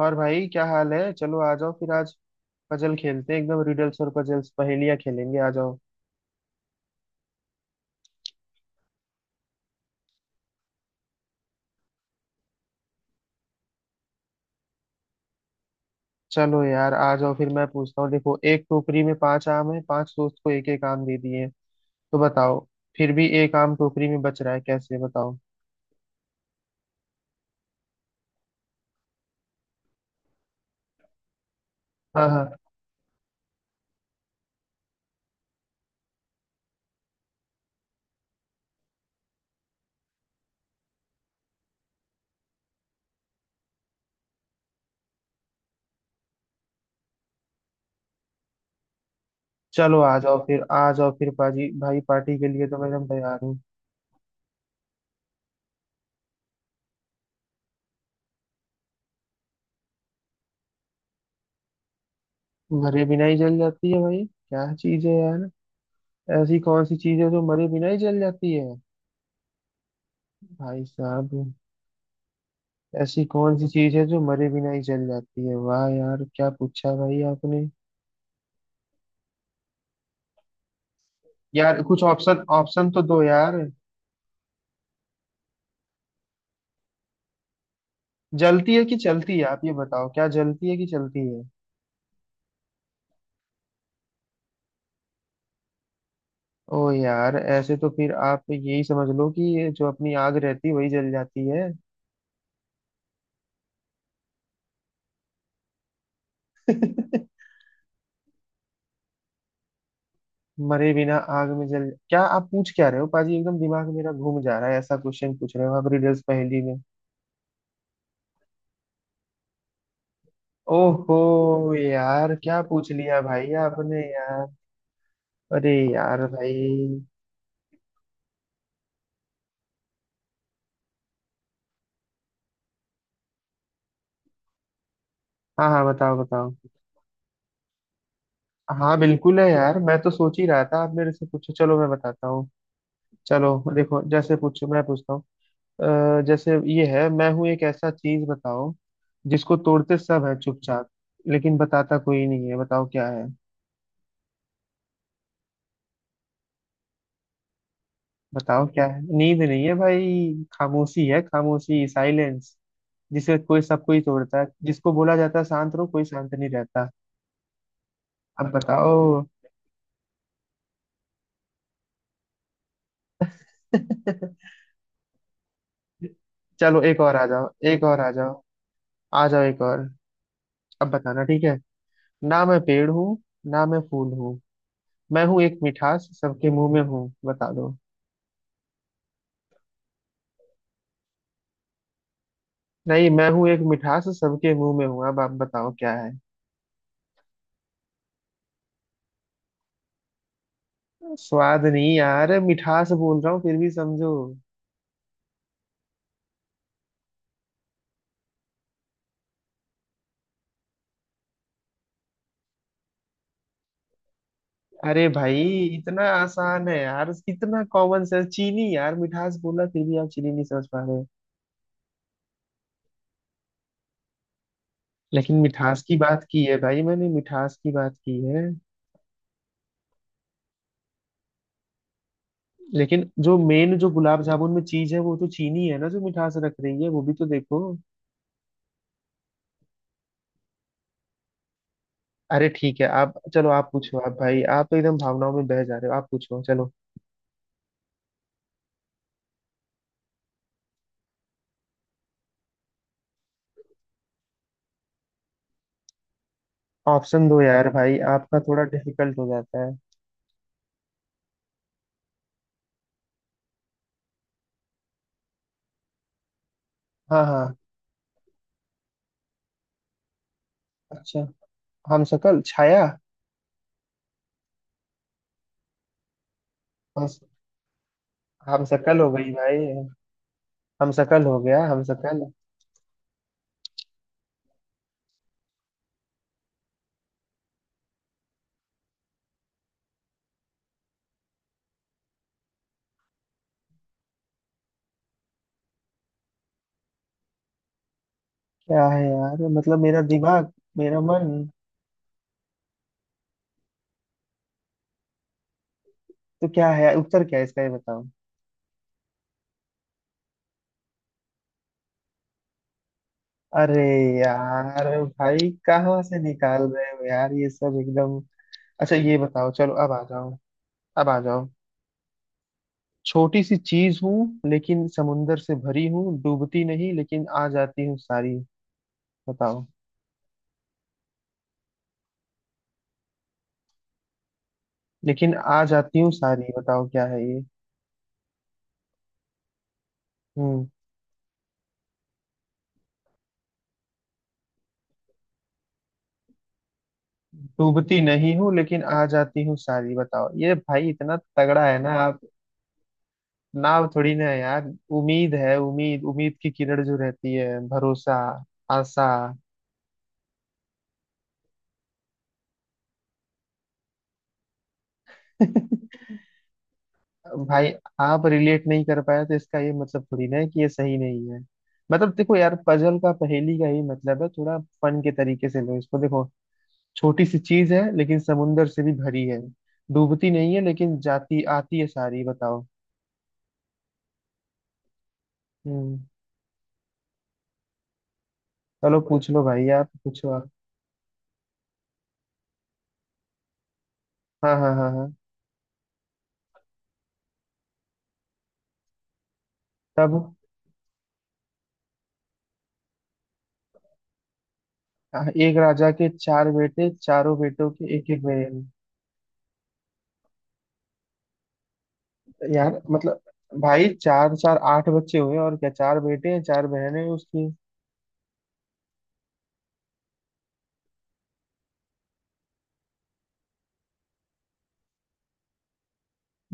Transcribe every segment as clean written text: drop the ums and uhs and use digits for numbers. और भाई क्या हाल है। चलो आ जाओ फिर आज पजल खेलते हैं, एकदम रिडल्स और पजल्स पहेलियां खेलेंगे। आ जाओ चलो यार, आ जाओ फिर। मैं पूछता हूँ, देखो एक टोकरी में पांच आम है, पांच दोस्त को एक एक आम दे दिए, तो बताओ फिर भी एक आम टोकरी में बच रहा है कैसे? बताओ। हाँ हाँ। चलो आ जाओ फिर, आ जाओ फिर पाजी, भाई पार्टी के लिए तो मैं एकदम तैयार हूँ। मरे बिना ही जल जाती है? भाई क्या चीज है यार। ऐसी कौन सी चीज है जो मरे बिना ही जल जाती है? भाई साहब, ऐसी कौन सी चीज है जो मरे बिना ही जल जाती है? वाह यार, क्या पूछा भाई आपने। यार कुछ ऑप्शन ऑप्शन तो दो यार। जलती है कि चलती है? आप ये बताओ, क्या जलती है कि चलती है? ओ यार, ऐसे तो फिर आप यही समझ लो कि ये जो अपनी आग रहती है वही जल जाती है। मरे बिना आग में जल, क्या आप पूछ क्या रहे हो पाजी? एकदम दिमाग मेरा घूम जा रहा है, ऐसा क्वेश्चन पूछ रहे हो आप रिडल्स पहेली में। ओहो यार, क्या पूछ लिया भाई आपने यार। अरे यार भाई। हाँ हाँ, बताओ बताओ। हाँ बिल्कुल है यार, मैं तो सोच ही रहा था आप मेरे से पूछो। चलो मैं बताता हूँ। चलो देखो, जैसे पूछो, मैं पूछता हूँ। जैसे ये है, मैं हूँ एक ऐसा चीज बताओ जिसको तोड़ते सब है चुपचाप लेकिन बताता कोई नहीं है। बताओ क्या है। बताओ क्या है, नींद नहीं है भाई, खामोशी है, खामोशी, साइलेंस। जिसे कोई सब कोई तोड़ता है, जिसको बोला जाता है शांत रहो, कोई शांत नहीं रहता। अब बताओ। चलो एक और आ जाओ, एक और आ जाओ। आ जाओ एक और। अब बताना, ठीक है। ना मैं पेड़ हूँ, ना मैं फूल हूँ, मैं हूँ एक मिठास सबके मुंह में हूँ। बता दो। नहीं, मैं हूँ एक मिठास सबके मुंह में हूँ, अब आप बताओ क्या है। स्वाद नहीं यार, मिठास बोल रहा हूँ फिर भी समझो। अरे भाई, इतना आसान है यार, इतना कॉमन सेंस, चीनी यार, मिठास बोला फिर भी आप चीनी नहीं समझ पा रहे। लेकिन मिठास की बात की है भाई, मैंने मिठास की बात की है। लेकिन जो मेन जो गुलाब जामुन में चीज है वो तो चीनी है ना, जो मिठास रख रही है वो भी, तो देखो। अरे ठीक है आप, चलो आप पूछो आप, भाई आप तो एकदम भावनाओं में बह जा रहे हो। आप पूछो चलो। ऑप्शन दो यार भाई, आपका थोड़ा डिफिकल्ट हो जाता है। हाँ हाँ। अच्छा, हम शकल, छाया। हम हम शकल हो गई भाई, हम शकल हो गया, हम शकल। क्या है यार, मतलब मेरा दिमाग, मेरा मन। तो क्या है उत्तर क्या है इसका, ये बताओ। अरे यार भाई, कहाँ से निकाल रहे हो यार ये सब एकदम। अच्छा ये बताओ, चलो अब आ जाओ। अब आ जाओ। छोटी सी चीज हूँ लेकिन समुंदर से भरी हूँ, डूबती नहीं लेकिन आ जाती हूँ सारी। बताओ। लेकिन आ जाती हूँ सारी, बताओ क्या है ये। हम्म। डूबती नहीं हूँ लेकिन आ जाती हूँ सारी, बताओ ये भाई, इतना तगड़ा है ना आप। नाव थोड़ी ना है यार। उम्मीद है, उम्मीद, उम्मीद की किरण जो रहती है, भरोसा, आशा। भाई आप रिलेट नहीं कर पाए तो इसका ये मतलब थोड़ी ना है कि ये सही नहीं है। मतलब देखो यार, पजल का पहेली का ही मतलब है थोड़ा फन के तरीके से लो इसको। देखो छोटी सी चीज है लेकिन समुंदर से भी भरी है, डूबती नहीं है लेकिन जाती आती है सारी, बताओ। हम्म। चलो पूछ लो भाई, आप पूछो आप। हाँ हाँ हाँ हाँ। तब। एक राजा के चार बेटे, चारों बेटों के एक एक बहन। यार मतलब, भाई चार चार आठ बच्चे हुए और क्या, चार बेटे हैं, चार बहनें हैं उसकी।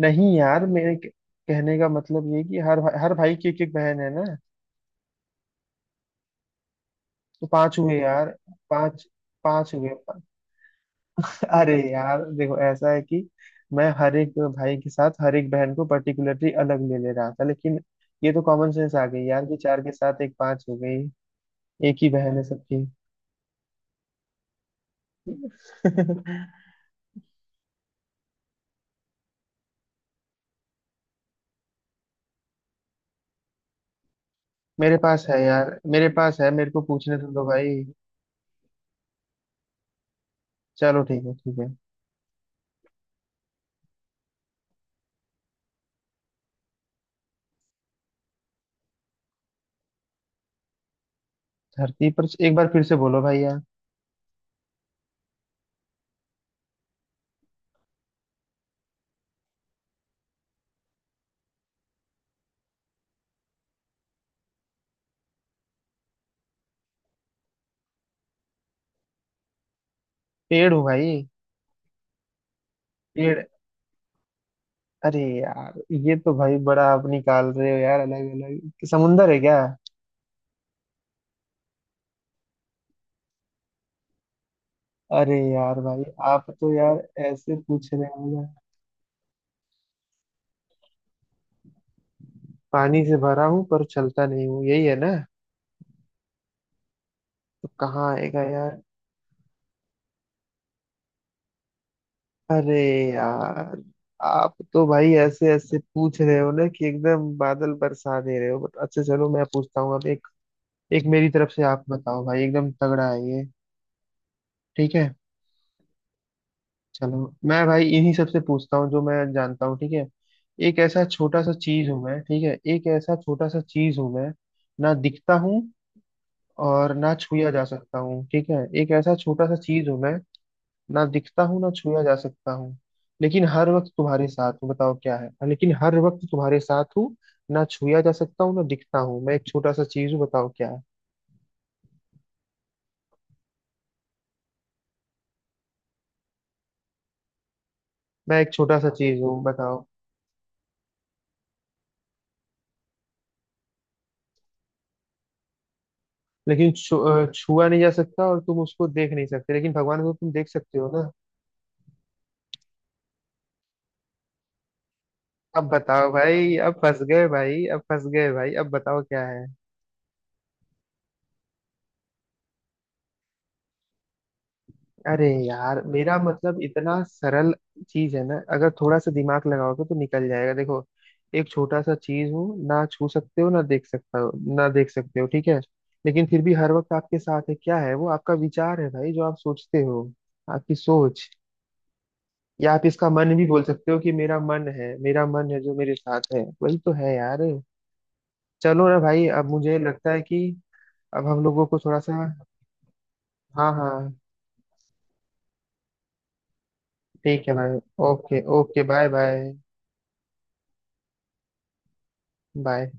नहीं यार, कहने का मतलब ये है कि हर भाई की एक एक बहन है ना, तो पांच हुए यार। पांच। पांच हुए। अरे यार देखो, ऐसा है कि मैं हर एक भाई के साथ हर एक बहन को पर्टिकुलरली अलग ले ले रहा था लेकिन ये तो कॉमन सेंस आ गई यार कि चार के साथ एक पांच हो गई। एक ही बहन है सबकी। मेरे पास है यार, मेरे पास है, मेरे को पूछने तो दो भाई। चलो ठीक है, ठीक है। धरती पर, एक बार फिर से बोलो भाई यार। पेड़ हूँ भाई। पेड़। अरे यार, ये तो भाई बड़ा आप निकाल रहे हो यार, अलग अलग समुंदर है क्या। अरे यार भाई, आप तो यार ऐसे पूछ रहे हो। पानी से भरा हूँ पर चलता नहीं हूँ, यही है ना, तो कहाँ आएगा यार। अरे यार, आप तो भाई ऐसे ऐसे पूछ रहे हो ना कि एकदम बादल बरसा दे रहे हो। बट अच्छा चलो, मैं पूछता हूँ अब एक। एक मेरी तरफ से आप बताओ भाई, एकदम तगड़ा है ये। ठीक है। चलो मैं भाई इन्हीं सबसे पूछता हूँ जो मैं जानता हूँ, ठीक है। एक ऐसा छोटा सा चीज हूँ मैं, ठीक है, एक ऐसा छोटा सा चीज हूँ मैं, ना दिखता हूँ और ना छुआ जा सकता हूँ, ठीक है। एक ऐसा छोटा सा चीज हूँ मैं, ना दिखता हूँ, ना छुआ जा सकता हूँ, लेकिन हर वक्त तुम्हारे साथ हूँ, बताओ क्या है। हाँ, लेकिन हर वक्त तुम्हारे साथ हूँ। ना छुआ जा सकता हूँ, ना दिखता हूँ, मैं एक छोटा सा चीज हूँ, बताओ क्या है। मैं एक छोटा सा चीज हूँ, बताओ। लेकिन छुआ नहीं जा सकता और तुम उसको देख नहीं सकते, लेकिन भगवान को तुम देख सकते हो ना। अब बताओ भाई, अब फंस गए भाई, अब फंस गए भाई, अब बताओ क्या है। अरे यार, मेरा मतलब इतना सरल चीज है ना, अगर थोड़ा सा दिमाग लगाओगे तो निकल जाएगा। देखो एक छोटा सा चीज हो, ना छू सकते हो, ना देख सकता हो, ना देख सकते हो, ठीक है, लेकिन फिर भी हर वक्त आपके साथ है। क्या है वो? आपका विचार है भाई, जो आप सोचते हो, आपकी सोच, या आप इसका मन भी बोल सकते हो कि मेरा मन है, मेरा मन है जो मेरे साथ है वही तो है यार। चलो ना भाई, अब मुझे लगता है कि अब हम लोगों को थोड़ा सा। हाँ हाँ। ठीक है भाई। Okay okay, bye bye. Bye.